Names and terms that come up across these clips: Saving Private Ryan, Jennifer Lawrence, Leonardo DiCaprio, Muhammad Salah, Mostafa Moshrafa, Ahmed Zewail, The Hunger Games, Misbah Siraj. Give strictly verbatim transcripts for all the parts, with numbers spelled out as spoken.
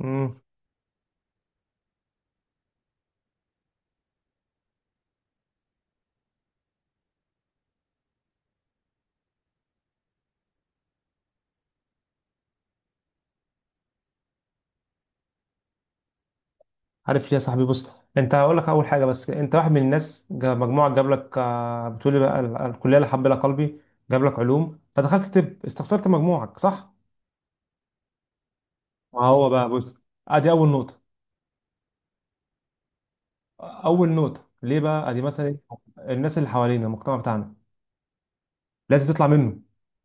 امم عارف ليه يا صاحبي؟ بص، انت هقول لك اول حاجه. بس انت واحد من الناس جا- مجموعه جاب لك، آه، بتقولي بقى ال- الكليه اللي حبلها قلبي، جاب لك علوم فدخلت طب استخسرت مجموعك، صح؟ ما هو بقى بص، ادي اول نقطه. اول نقطه ليه بقى؟ ادي مثلا إيه؟ الناس اللي حوالينا، المجتمع بتاعنا لازم تطلع منه.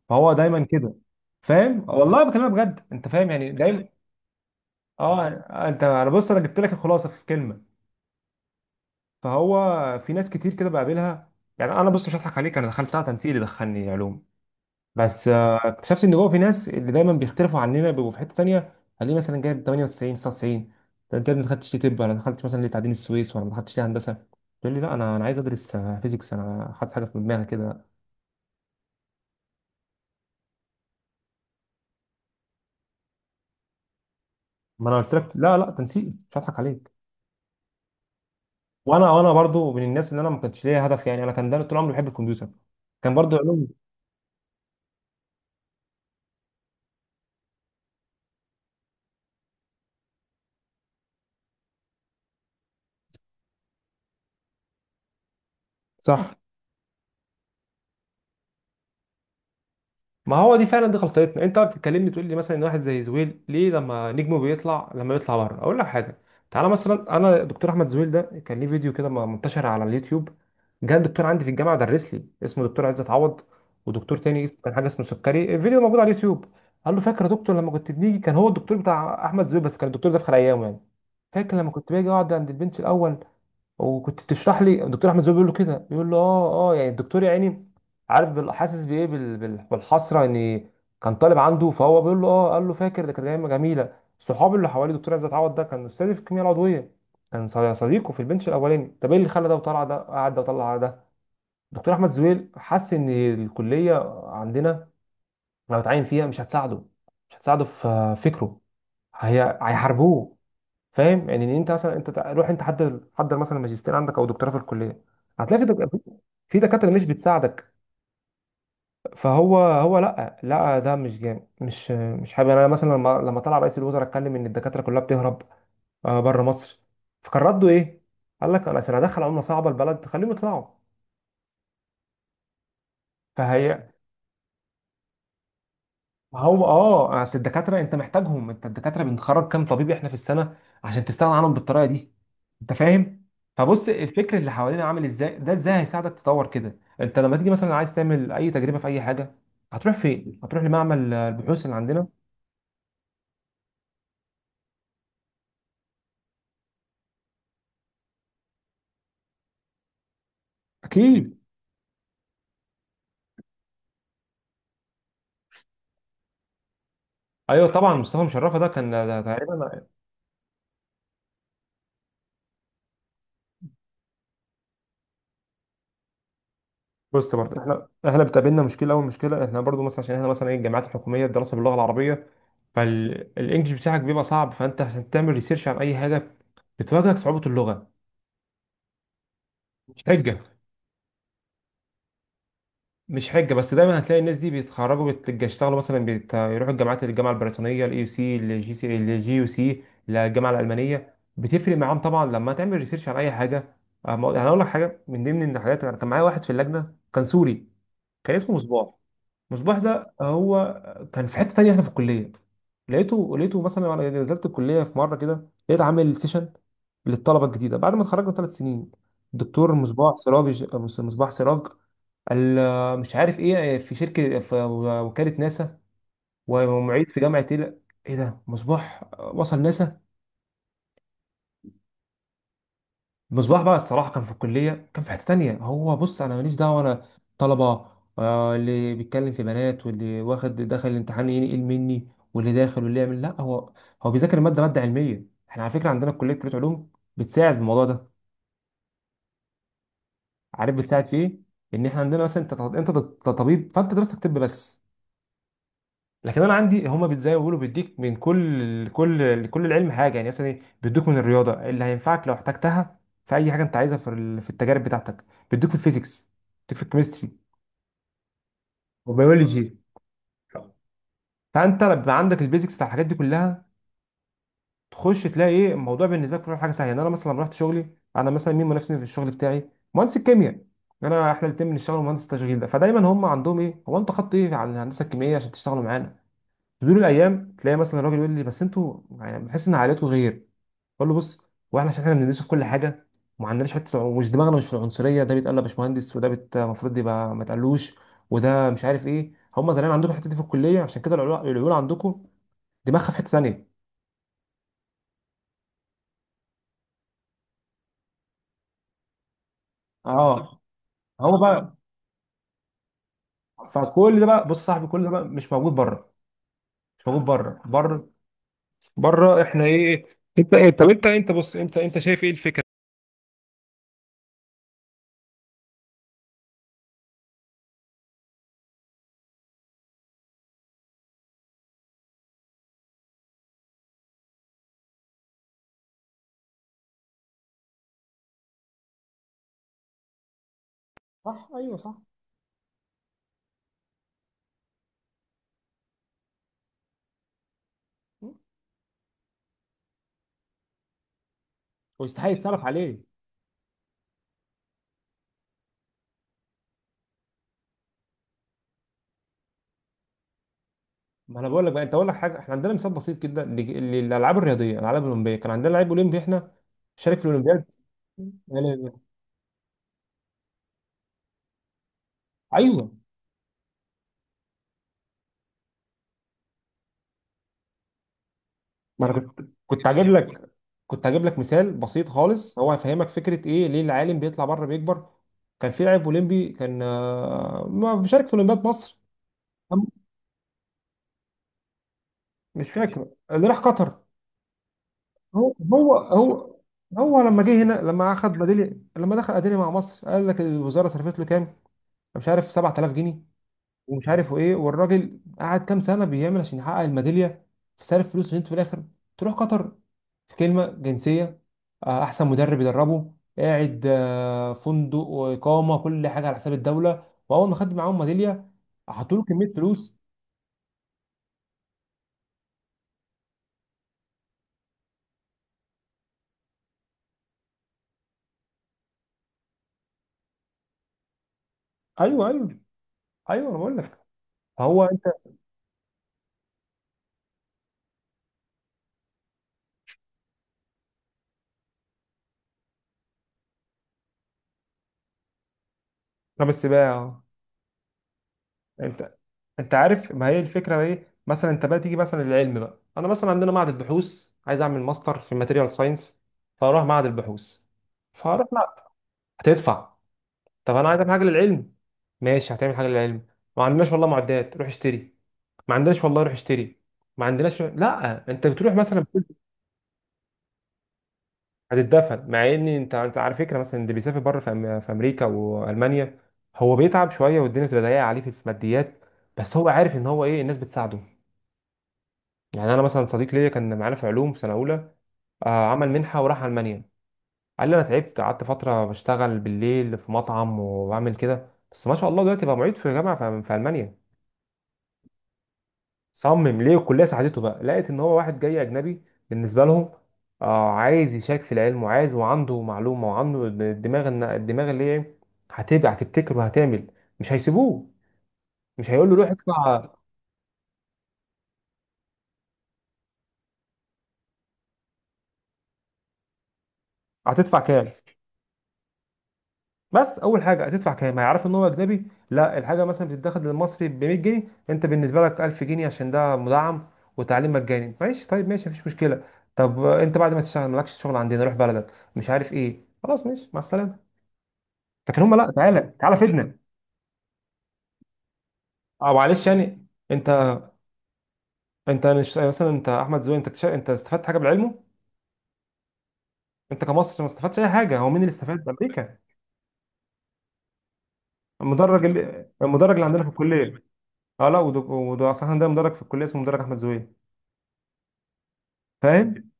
فهو دايما كده. فاهم؟ والله بكلمك بجد، انت فاهم يعني دايما. اه، انت انا بص، انا جبت لك الخلاصه في كلمه. فهو في ناس كتير كده بقابلها. يعني انا بص، مش هضحك عليك، انا دخلتها تنسيق اللي دخلني علوم. بس آه، اكتشفت ان جوه في ناس اللي دايما بيختلفوا عننا، بيبقوا في حته تانيه، هتلاقيه مثلا جايب ثمانية وتسعين تسعة وتسعين. طب انت يا ابني ما دخلتش ليه طب؟ ولا ما دخلتش مثلا ليه تعدين السويس؟ ولا ما دخلتش ليه هندسه؟ تقول لي لا، انا انا عايز ادرس فيزيكس، انا حاطط حاجه في دماغي كده. ما انا قلت لك، لا لا تنسيق، مش هضحك عليك. وانا وانا برضو من الناس اللي انا ما كانش ليا هدف، يعني انا كان دايما طول عمري بحب الكمبيوتر، كان برضو علوم. صح، ما هو دي فعلا دي غلطتنا. انت بقى بتتكلمني تقول لي مثلا ان واحد زي زويل ليه لما نجمه بيطلع، لما بيطلع بره. اقول لك حاجه، تعالى مثلا، انا دكتور احمد زويل ده كان ليه فيديو كده م- منتشر على اليوتيوب. جه دكتور عندي في الجامعه درس لي، اسمه دكتور عزت عوض، ودكتور تاني اسمه كان حاجه اسمه سكري. الفيديو موجود على اليوتيوب. قال له فاكر يا دكتور لما كنت بنيجي؟ كان هو الدكتور بتاع احمد زويل، بس كان الدكتور ده في خلال ايام يعني. فاكر لما كنت باجي اقعد عند البنش الاول وكنت بتشرح لي؟ الدكتور احمد زويل بيقول له كده، بيقول له اه اه. يعني الدكتور يا عيني، عارف بال- حاسس بايه، بال- بال- بالحسره ان كان طالب عنده. فهو بيقول له اه، قال له فاكر؟ ده كانت ايام جميله، صحابي اللي حواليه. دكتور عايز اتعوض ده كان استاذي في الكيمياء العضويه، كان ص- صديقه في البنش الاولاني. طب ايه اللي خلى ده وطلع ده، قعد ده وطلع ده؟ دكتور احمد زويل حس ان الكليه عندنا لو اتعين فيها مش هتساعده، مش هتساعده في فكره، هي هيحاربوه. فاهم يعني؟ ان انت مثلا انت تع- روح انت حضر حضر مثلا ماجستير عندك او دكتوراه في الكليه، هتلاقي في دك... في دكاتره مش بتساعدك. فهو هو لا لا ده مش جامد، مش مش حابب. انا مثلا لما لما طلع رئيس الوزراء اتكلم ان الدكاتره كلها بتهرب بره مصر، فكان رده ايه؟ قال لك انا عشان ادخل عمله صعبه البلد خليهم يطلعوا. فهي، ما هو اه، اصل الدكاتره انت محتاجهم. انت الدكاتره بنخرج كام طبيب احنا في السنه؟ عشان تستغنى عنهم بالطريقه دي. انت فاهم؟ فبص الفكر اللي حوالينا عامل ازاي، ده ازاي هيساعدك تطور كده؟ انت لما تيجي مثلا عايز تعمل اي تجربه في اي حاجه، هتروح فين؟ هتروح لمعمل آه، البحوث اللي عندنا. اكيد. ايوه طبعا مصطفى مشرفه ده كان ده تقريبا. بص برضه احنا، احنا بتقابلنا مشكله. اول مشكله احنا برضه مثلا عشان احنا مثلا ايه، الجامعات الحكوميه الدراسه باللغه العربيه، فالانجليش بتاعك بيبقى صعب، فانت عشان تعمل ريسيرش عن اي حاجه بتواجهك صعوبة اللغة. مش حجة، مش حجة، بس دايما هتلاقي الناس دي بيتخرجوا بيشتغلوا مثلا بيت... يروحوا الجامعات، الجامعة البريطانية، الاي يو سي، الجي سي الجي يو سي، الجامعة الألمانية. بتفرق معاهم طبعا لما تعمل ريسيرش على أي حاجة. أه، ما- هقول لك حاجة من ضمن الحاجات. أنا كان معايا واحد في اللجنة كان سوري، كان اسمه مصباح. مصباح ده هو كان في حتة تانية احنا في الكلية. لقيته، لقيته مثلا وانا نزلت الكلية في مرة كده، لقيت عامل سيشن للطلبة الجديدة بعد ما اتخرجنا ثلاث سنين. الدكتور مصباح سراج، مصباح سراج ال- مش عارف ايه، في شركه، في وكاله ناسا، ومعيد في جامعه ايه، لا، ايه ده، مصباح وصل ناسا؟ مصباح بقى الصراحه كان في الكليه كان في حته تانية. هو بص، انا ماليش دعوه، انا طلبه آه، اللي بيتكلم في بنات، واللي واخد دخل الامتحان ينقل مني، واللي داخل، واللي يعمل، لا هو هو بيذاكر الماده، ماده علميه. احنا على فكره عندنا كليه، كليه علوم، بتساعد في الموضوع ده. عارف بتساعد في ايه؟ ان احنا عندنا مثلا، انت انت طبيب، فانت دراستك طب بس. لكن انا عندي هما بت- زي ما بيقولوا بيديك من كل كل كل العلم حاجه. يعني مثلا إيه، بيدوك من الرياضه اللي هينفعك لو احتجتها في اي حاجه انت عايزها في ال- في التجارب بتاعتك، بيدوك في الفيزيكس، بيديك في الكيمستري، وبيولوجي. فانت لما بيبقى عندك البيزكس بتاع الحاجات دي كلها، تخش تلاقي ايه الموضوع بالنسبه لك كل حاجه سهله. يعني انا مثلا لما رحت شغلي، انا مثلا مين منافسني في الشغل بتاعي؟ مهندس الكيمياء. انا احنا الاثنين بنشتغل مهندس التشغيل ده. فدايما هم عندهم ايه، هو انت خدت ايه على الهندسه الكيميائيه عشان تشتغلوا معانا؟ تدور الايام تلاقي مثلا الراجل يقول لي، بس انتوا يعني بتحس ان عائلته غير. بقول له بص، هو احنا عشان احنا بندرسه في كل حاجه، وما عندناش حته العن- مش دماغنا مش في العنصريه. ده بيتقال له يا باشمهندس، وده بت- المفروض يبقى ما تقلوش، وده مش عارف ايه، هم زمان عندكم الحته دي في الكليه عشان كده، العيول العيول عندكم دماغها في حته ثانيه. اه. هو بقى، فكل ده بقى، بص يا صاحبي كل ده بقى مش موجود بره. مش موجود بره، بره، بره احنا ايه إيه، انت ايه؟ طب انت، انت بص انت انت شايف ايه الفكره؟ صح، ايوه صح. ويستحق يتصرف عليه. ما انا بقول لك بقى، انت اقول لك حاجه، احنا عندنا مثال بسيط جدا لج- للالعاب الرياضيه، الالعاب الاولمبيه. كان عندنا لعيب اولمبي احنا، شارك في الاولمبياد. يعني- ايوه، ما انا كنت كنت هجيب لك، كنت هجيب لك مثال بسيط خالص هو هيفهمك فكره ايه ليه العالم بيطلع بره بيكبر. كان في لاعب اولمبي كان آه، ما بيشارك في اولمبياد مصر. أم- مش فاكر اللي راح قطر. هو هو هو هو لما جه هنا، لما اخد بديل، لما دخل اديلي مع مصر، قال لك الوزاره صرفت له كام؟ مش عارف، سبعة آلاف جنيه ومش عارف ايه. والراجل قعد كام سنه بيعمل عشان يحقق الميداليه؟ فصرف فلوس عشان انت في الاخر تروح قطر؟ في كلمه جنسيه، آه، احسن مدرب يدربه، قاعد آه، فندق واقامه، كل حاجه على حساب الدوله، واول ما خد معاهم ميداليه حطوا له كميه فلوس. ايوه ايوه ايوه انا بقول لك. فهو انت، طب السباع، انت انت عارف ما هي الفكره ايه؟ مثلا انت بقى تيجي مثلا للعلم بقى، انا مثلا عندنا معهد البحوث، عايز اعمل ماستر في ماتيريال ساينس، فاروح معهد البحوث، فهروح. هتدفع. طب انا عايز أعمل حاجه للعلم. ماشي، هتعمل حاجه للعلم، ما عندناش والله معدات، روح اشتري. ما عندناش والله، روح اشتري. ما عندناش. لا انت بتروح مثلا بتقول، هتتدفن. مع ان انت، انت على فكره مثلا اللي بيسافر بره في، أم- في امريكا والمانيا، هو بيتعب شويه والدنيا بتبقى ضيقه عليه في الماديات، بس هو عارف ان هو ايه، الناس بتساعده. يعني انا مثلا صديق ليا كان معانا في علوم في سنه اولى، آه، عمل منحه وراح المانيا. قال لي انا تعبت، قعدت فتره بشتغل بالليل في مطعم وبعمل كده، بس ما شاء الله دلوقتي بقى معيد في جامعه في في المانيا. صمم ليه؟ الكليه ساعدته بقى، لقيت ان هو واحد جاي اجنبي بالنسبه لهم، آه عايز يشارك في العلم، وعايز وعنده معلومه، وعنده الدماغ إن- الدماغ اللي هي هتبقى، هتبتكر وهتعمل. مش هيسيبوه، مش هيقول له روح ادفع هتدفع كام. بس اول حاجه هتدفع كام، هيعرف ان هو اجنبي، لا الحاجه مثلا بتتاخد للمصري ب مية جنيه، انت بالنسبه لك الف جنيه عشان ده مدعم وتعليم مجاني. ماشي طيب، ماشي مفيش مشكله. طب آه، انت بعد ما تشتغل مالكش شغل عندنا، روح بلدك مش عارف ايه، خلاص ماشي مع السلامه. لكن هم لا، تعالى تعالى فيدنا. اه، معلش. يعني انت، انت مش مثلا انت احمد زويل، انت اكتشف- انت استفدت حاجه بالعلم؟ انت كمصر ما استفدتش اي حاجه. هو مين اللي استفاد؟ امريكا. المدرج، اللي المدرج اللي عندنا في الكليه. اه لا، وده، وده اصلا عندنا مدرج في الكليه اسمه مدرج احمد زويل. فاهم؟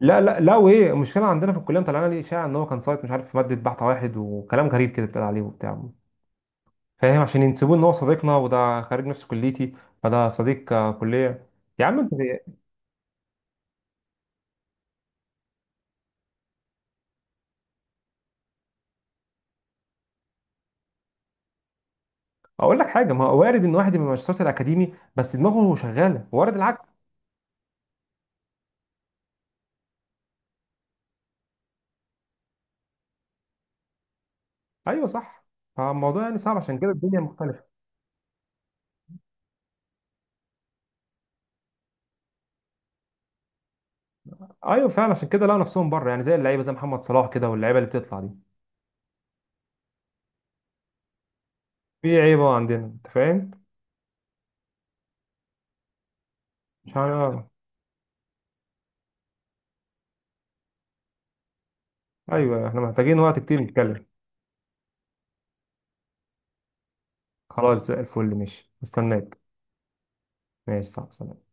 لا لا لا وايه المشكله؟ عندنا في الكليه مطلعنا ليه اشاعه ان هو كان سايت، مش عارف في ماده، بحث واحد وكلام غريب كده اتقال عليه وبتاع. فاهم؟ عشان ينسبوه ان هو صديقنا وده خريج نفس كليتي، فده صديق آه، كليه. يا عم انت، اقول لك حاجه، ما هو وارد ان واحد يبقى مش شاطر اكاديمي بس دماغه شغاله، وارد العكس. ايوه صح. فالموضوع يعني صعب، عشان كده الدنيا مختلفه. ايوه فعلا، عشان كده لقوا نفسهم بره يعني، زي اللعيبه، زي محمد صلاح كده واللعيبه اللي بتطلع دي. في عيبه عندنا. انت فاهم؟ مش عارف. ايوه احنا محتاجين وقت كتير نتكلم. خلاص زي الفل، ماشي مستناك. ماشي، صح، سلام.